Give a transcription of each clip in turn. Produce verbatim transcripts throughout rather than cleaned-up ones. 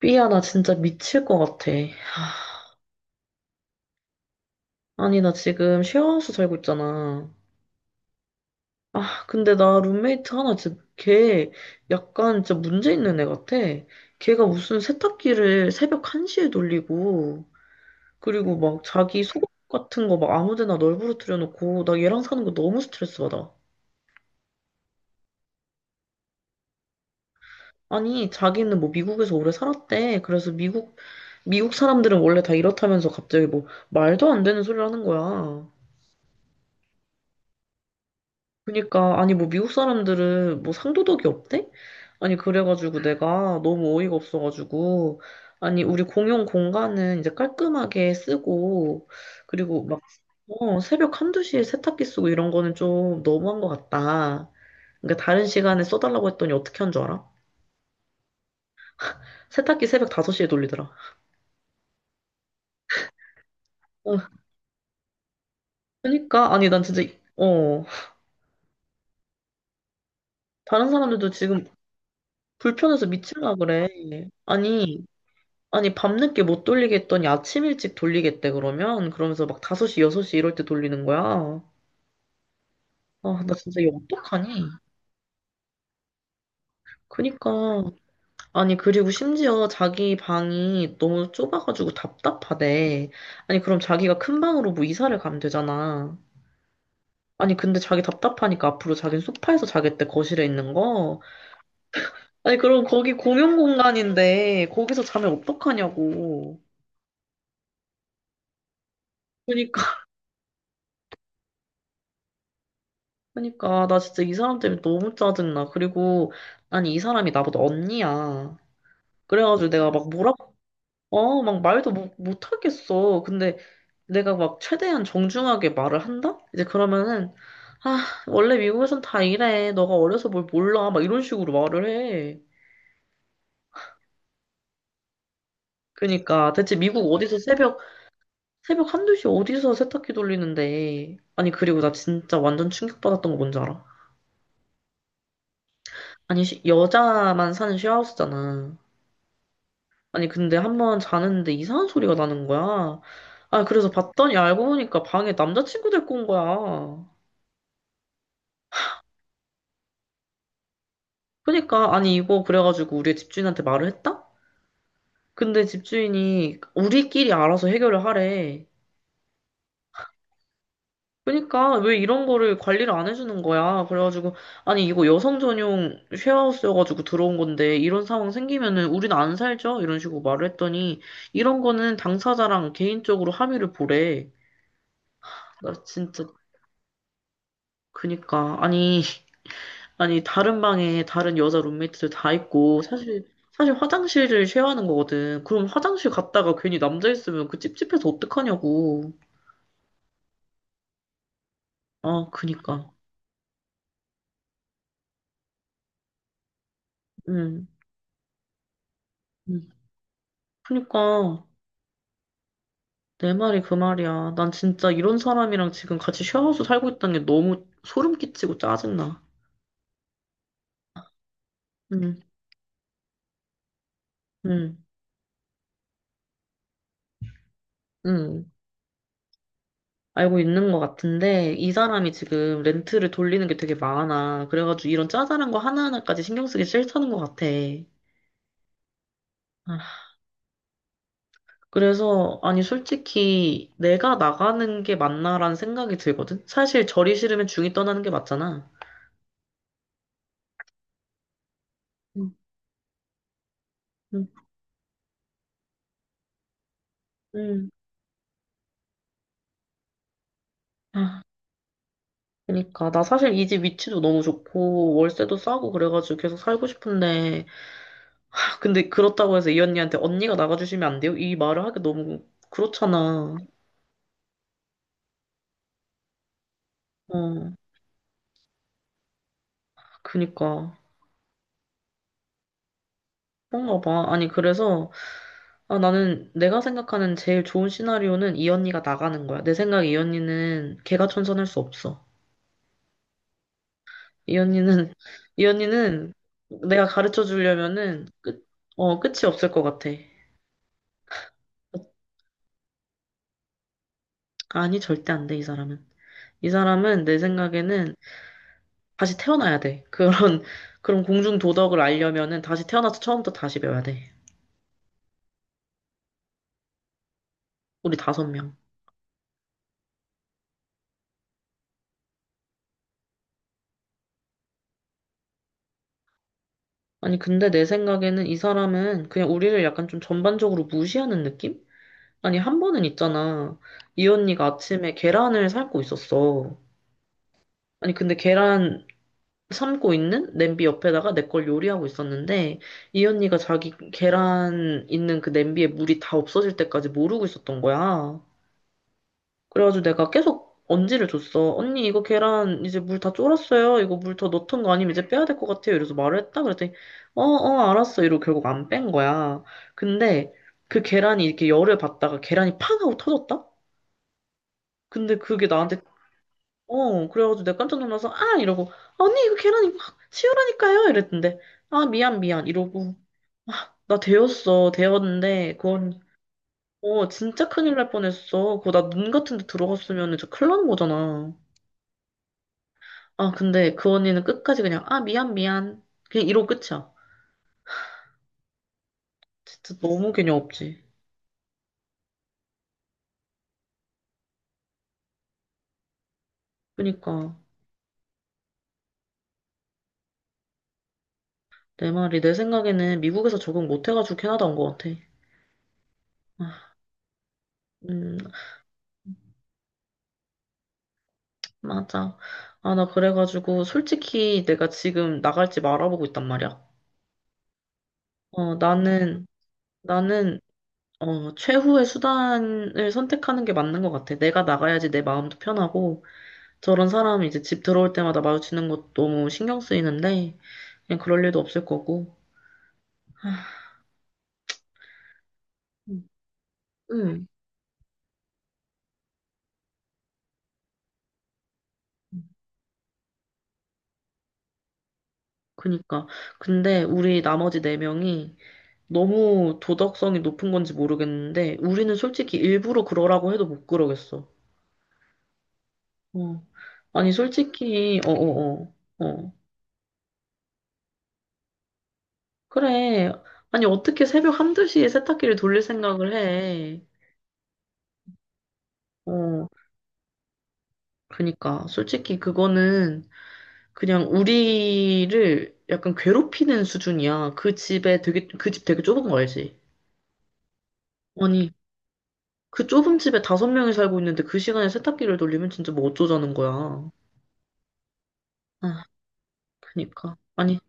삐야, 나 진짜 미칠 것 같아. 아니, 나 지금 쉐어하우스 살고 있잖아. 아, 근데 나 룸메이트 하나 진짜 걔 약간 진짜 문제 있는 애 같아. 걔가 무슨 세탁기를 새벽 한 시에 돌리고, 그리고 막 자기 속옷 같은 거 막 아무 데나 널브러뜨려 놓고, 나 얘랑 사는 거 너무 스트레스 받아. 아니, 자기는 뭐 미국에서 오래 살았대. 그래서 미국, 미국 사람들은 원래 다 이렇다면서 갑자기 뭐 말도 안 되는 소리를 하는 거야. 그니까 아니 뭐 미국 사람들은 뭐 상도덕이 없대? 아니 그래가지고 내가 너무 어이가 없어가지고 아니 우리 공용 공간은 이제 깔끔하게 쓰고 그리고 막 어, 새벽 한두 시에 세탁기 쓰고 이런 거는 좀 너무한 것 같다. 그러니까 다른 시간에 써달라고 했더니 어떻게 한 줄 알아? 세탁기 새벽 다섯 시에 돌리더라. 어, 그러니까 아니 난 진짜 어 다른 사람들도 지금 불편해서 미칠라 그래. 아니 아니, 밤늦게 못 돌리겠더니 아침 일찍 돌리겠대, 그러면? 그러면서 막 다섯 시 여섯 시 이럴 때 돌리는 거야. 아, 나 진짜 이거 어떡하니? 그니까. 아니, 그리고 심지어 자기 방이 너무 좁아가지고 답답하대. 아니, 그럼 자기가 큰 방으로 뭐 이사를 가면 되잖아. 아니, 근데 자기 답답하니까 앞으로 자기는 소파에서 자겠대, 거실에 있는 거. 아니, 그럼 거기 공용 공간인데, 거기서 자면 어떡하냐고. 그니까 그러니까 나 진짜 이 사람 때문에 너무 짜증나. 그리고 아니 이 사람이 나보다 언니야. 그래가지고 내가 막 뭐라 어 막 말도 못, 못 하겠어. 근데 내가 막 최대한 정중하게 말을 한다? 이제 그러면은 아 원래 미국에선 다 이래. 너가 어려서 뭘 몰라. 막 이런 식으로 말을 해. 그러니까 대체 미국 어디서 새벽 새벽 한두 시 어디서 세탁기 돌리는데 아니 그리고 나 진짜 완전 충격받았던 거 뭔지 알아? 아니 시- 여자만 사는 쉐어하우스잖아. 아니, 근데 한 번 자는데 이상한 소리가 나는 거야. 아, 그래서 봤더니 알고 보니까 방에 남자친구 데리고 온 거야. 그러니까, 아니, 이거 그래가지고 우리 집주인한테 말을 했다? 근데 집주인이 우리끼리 알아서 해결을 하래. 그러니까, 왜 이런 거를 관리를 안 해주는 거야. 그래가지고, 아니, 이거 여성 전용 쉐어하우스여가지고 들어온 건데, 이런 상황 생기면은 우리는 안 살죠? 이런 식으로 말을 했더니, 이런 거는 당사자랑 개인적으로 합의를 보래. 나 진짜, 그니까, 아니. 아니, 다른 방에 다른 여자 룸메이트들 다 있고, 사실, 사실 화장실을 쉐어하는 거거든. 그럼 화장실 갔다가 괜히 남자 있으면 그 찝찝해서 어떡하냐고. 아, 그니까. 응, 응. 그니까, 내 말이 그 말이야. 난 진짜 이런 사람이랑 지금 같이 쉐어하우스 살고 있다는 게 너무 소름 끼치고 짜증나. 응, 응, 응. 알고 있는 것 같은데, 이 사람이 지금 렌트를 돌리는 게 되게 많아. 그래가지고 이런 짜잘한 거 하나하나까지 신경 쓰기 싫다는 것 같아. 아. 그래서, 아니, 솔직히 내가 나가는 게 맞나라는 생각이 들거든? 사실 절이 싫으면 중이 떠나는 게 맞잖아. 음. 음, 음. 아, 그러니까. 나 사실 이 집 위치도 너무 좋고, 월세도 싸고 그래가지고 계속 살고 싶은데, 하, 근데 그렇다고 해서 이 언니한테 언니가 나가주시면 안 돼요? 이 말을 하기 너무 그렇잖아. 어, 그니까. 그런가 봐. 아니, 그래서, 아, 나는 내가 생각하는 제일 좋은 시나리오는 이 언니가 나가는 거야. 내 생각에 이 언니는 걔가 천선할 수 없어. 이 언니는, 이 언니는 내가 가르쳐 주려면은 끝, 어, 끝이 없을 것 같아. 아니, 절대 안 돼, 이 사람은. 이 사람은 내 생각에는 다시 태어나야 돼. 그런, 그런 공중 도덕을 알려면은 다시 태어나서 처음부터 다시 배워야 돼. 우리 다섯 명. 아니, 근데 내 생각에는 이 사람은 그냥 우리를 약간 좀 전반적으로 무시하는 느낌? 아니, 한 번은 있잖아. 이 언니가 아침에 계란을 삶고 있었어. 아니, 근데 계란 삶고 있는 냄비 옆에다가 내 걸 요리하고 있었는데 이 언니가 자기 계란 있는 그 냄비에 물이 다 없어질 때까지 모르고 있었던 거야. 그래가지고 내가 계속 언지를 줬어. 언니 이거 계란 이제 물 다 쫄았어요. 이거 물 더 넣던 거 아니면 이제 빼야 될 것 같아요. 이래서 말을 했다. 그랬더니 어어 알았어. 이러고 결국 안 뺀 거야. 근데 그 계란이 이렇게 열을 받다가 계란이 팡 하고 터졌다? 근데 그게 나한테 어, 그래가지고 내가 깜짝 놀라서, 아! 이러고, 언니, 이거 계란 이거 치우라니까요? 이랬는데, 아, 미안, 미안. 이러고, 나 데웠어. 데웠는데, 그건, 어, 진짜 큰일 날 뻔했어. 그거 나 눈 같은 데 들어갔으면 진짜 큰일 나는 거잖아. 아, 근데 그 언니는 끝까지 그냥, 아, 미안, 미안. 그냥 이러고 끝이야. 진짜 너무 개념 없지. 그니까, 내 말이, 내 생각에는 미국에서 적응 못 해가지고 캐나다 온 것 같아. 아, 음, 맞아. 아, 나 그래가지고, 솔직히 내가 지금 나갈지 말아보고 있단 말이야. 어, 나는, 나는, 어, 최후의 수단을 선택하는 게 맞는 것 같아. 내가 나가야지 내 마음도 편하고, 저런 사람이 이제 집 들어올 때마다 마주치는 것도 너무 신경 쓰이는데, 그냥 그럴 일도 없을 거고. 음, 음, 그니까. 근데 우리 나머지 네 명이 너무 도덕성이 높은 건지 모르겠는데, 우리는 솔직히 일부러 그러라고 해도 못 그러겠어. 어. 아니, 솔직히, 어어어. 어, 어, 어. 그래. 아니, 어떻게 새벽 한두 시에 세탁기를 돌릴 생각을 해? 어, 그니까. 솔직히 그거는 그냥 우리를 약간 괴롭히는 수준이야. 그 집에 되게, 그 집 되게 좁은 거 알지? 아니, 그 좁은 집에 다섯 명이 살고 있는데 그 시간에 세탁기를 돌리면 진짜 뭐 어쩌자는 거야. 아, 그니까. 아니,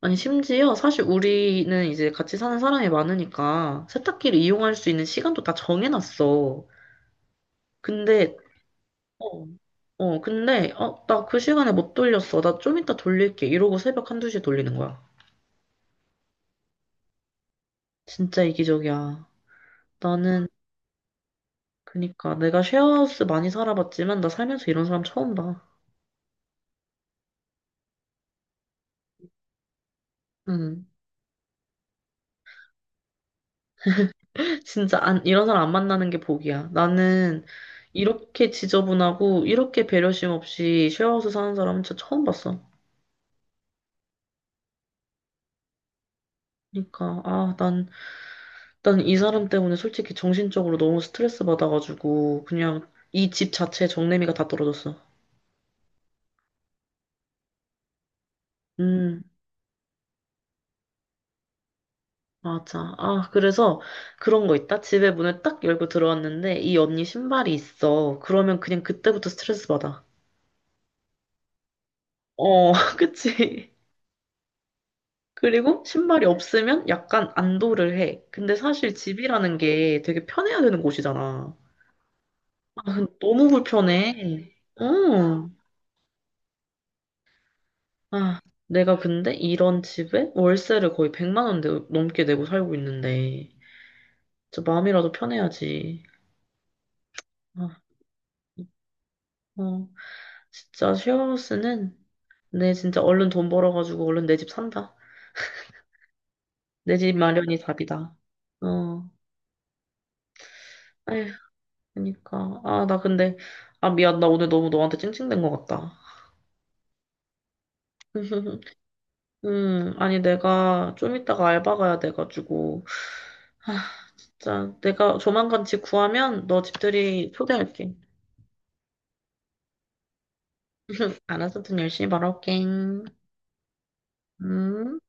아니, 심지어 사실 우리는 이제 같이 사는 사람이 많으니까 세탁기를 이용할 수 있는 시간도 다 정해놨어. 근데, 어, 어, 근데, 어, 나 그 시간에 못 돌렸어. 나 좀 이따 돌릴게. 이러고 새벽 한두 시에 돌리는 거야. 진짜 이기적이야. 나는, 그니까, 내가 쉐어하우스 많이 살아봤지만, 나 살면서 이런 사람 처음 봐. 응. 진짜, 안, 이런 사람 안 만나는 게 복이야. 나는, 이렇게 지저분하고, 이렇게 배려심 없이 쉐어하우스 사는 사람은 진짜 처음 봤어. 그니까, 아, 난, 난 이 사람 때문에 솔직히 정신적으로 너무 스트레스 받아가지고, 그냥, 이 집 자체에 정내미가 다 떨어졌어. 음. 맞아. 아, 그래서 그런 거 있다. 집에 문을 딱 열고 들어왔는데 이 언니 신발이 있어. 그러면 그냥 그때부터 스트레스 받아. 어, 그치. 그리고 신발이 없으면 약간 안도를 해. 근데 사실 집이라는 게 되게 편해야 되는 곳이잖아. 아, 근데 너무 불편해. 어. 아, 내가 근데 이런 집에 월세를 거의 백만 원 내- 넘게 내고 살고 있는데 진짜 마음이라도 편해야지. 아, 어, 진짜 쉐어하우스는 네, 진짜 얼른 돈 벌어가지고 얼른 내 집 산다. 내 집 마련이 답이다. 어, 에휴, 그니까. 아, 나 근데, 아, 미안. 나 오늘 너무 너한테 찡찡댄 것 같다. 음, 아니, 내가 좀 이따가 알바 가야 돼가지고. 아, 진짜, 내가 조만간 집 구하면 너 집들이 초대할게. 알았어, 돈 열심히 벌어올게. 음.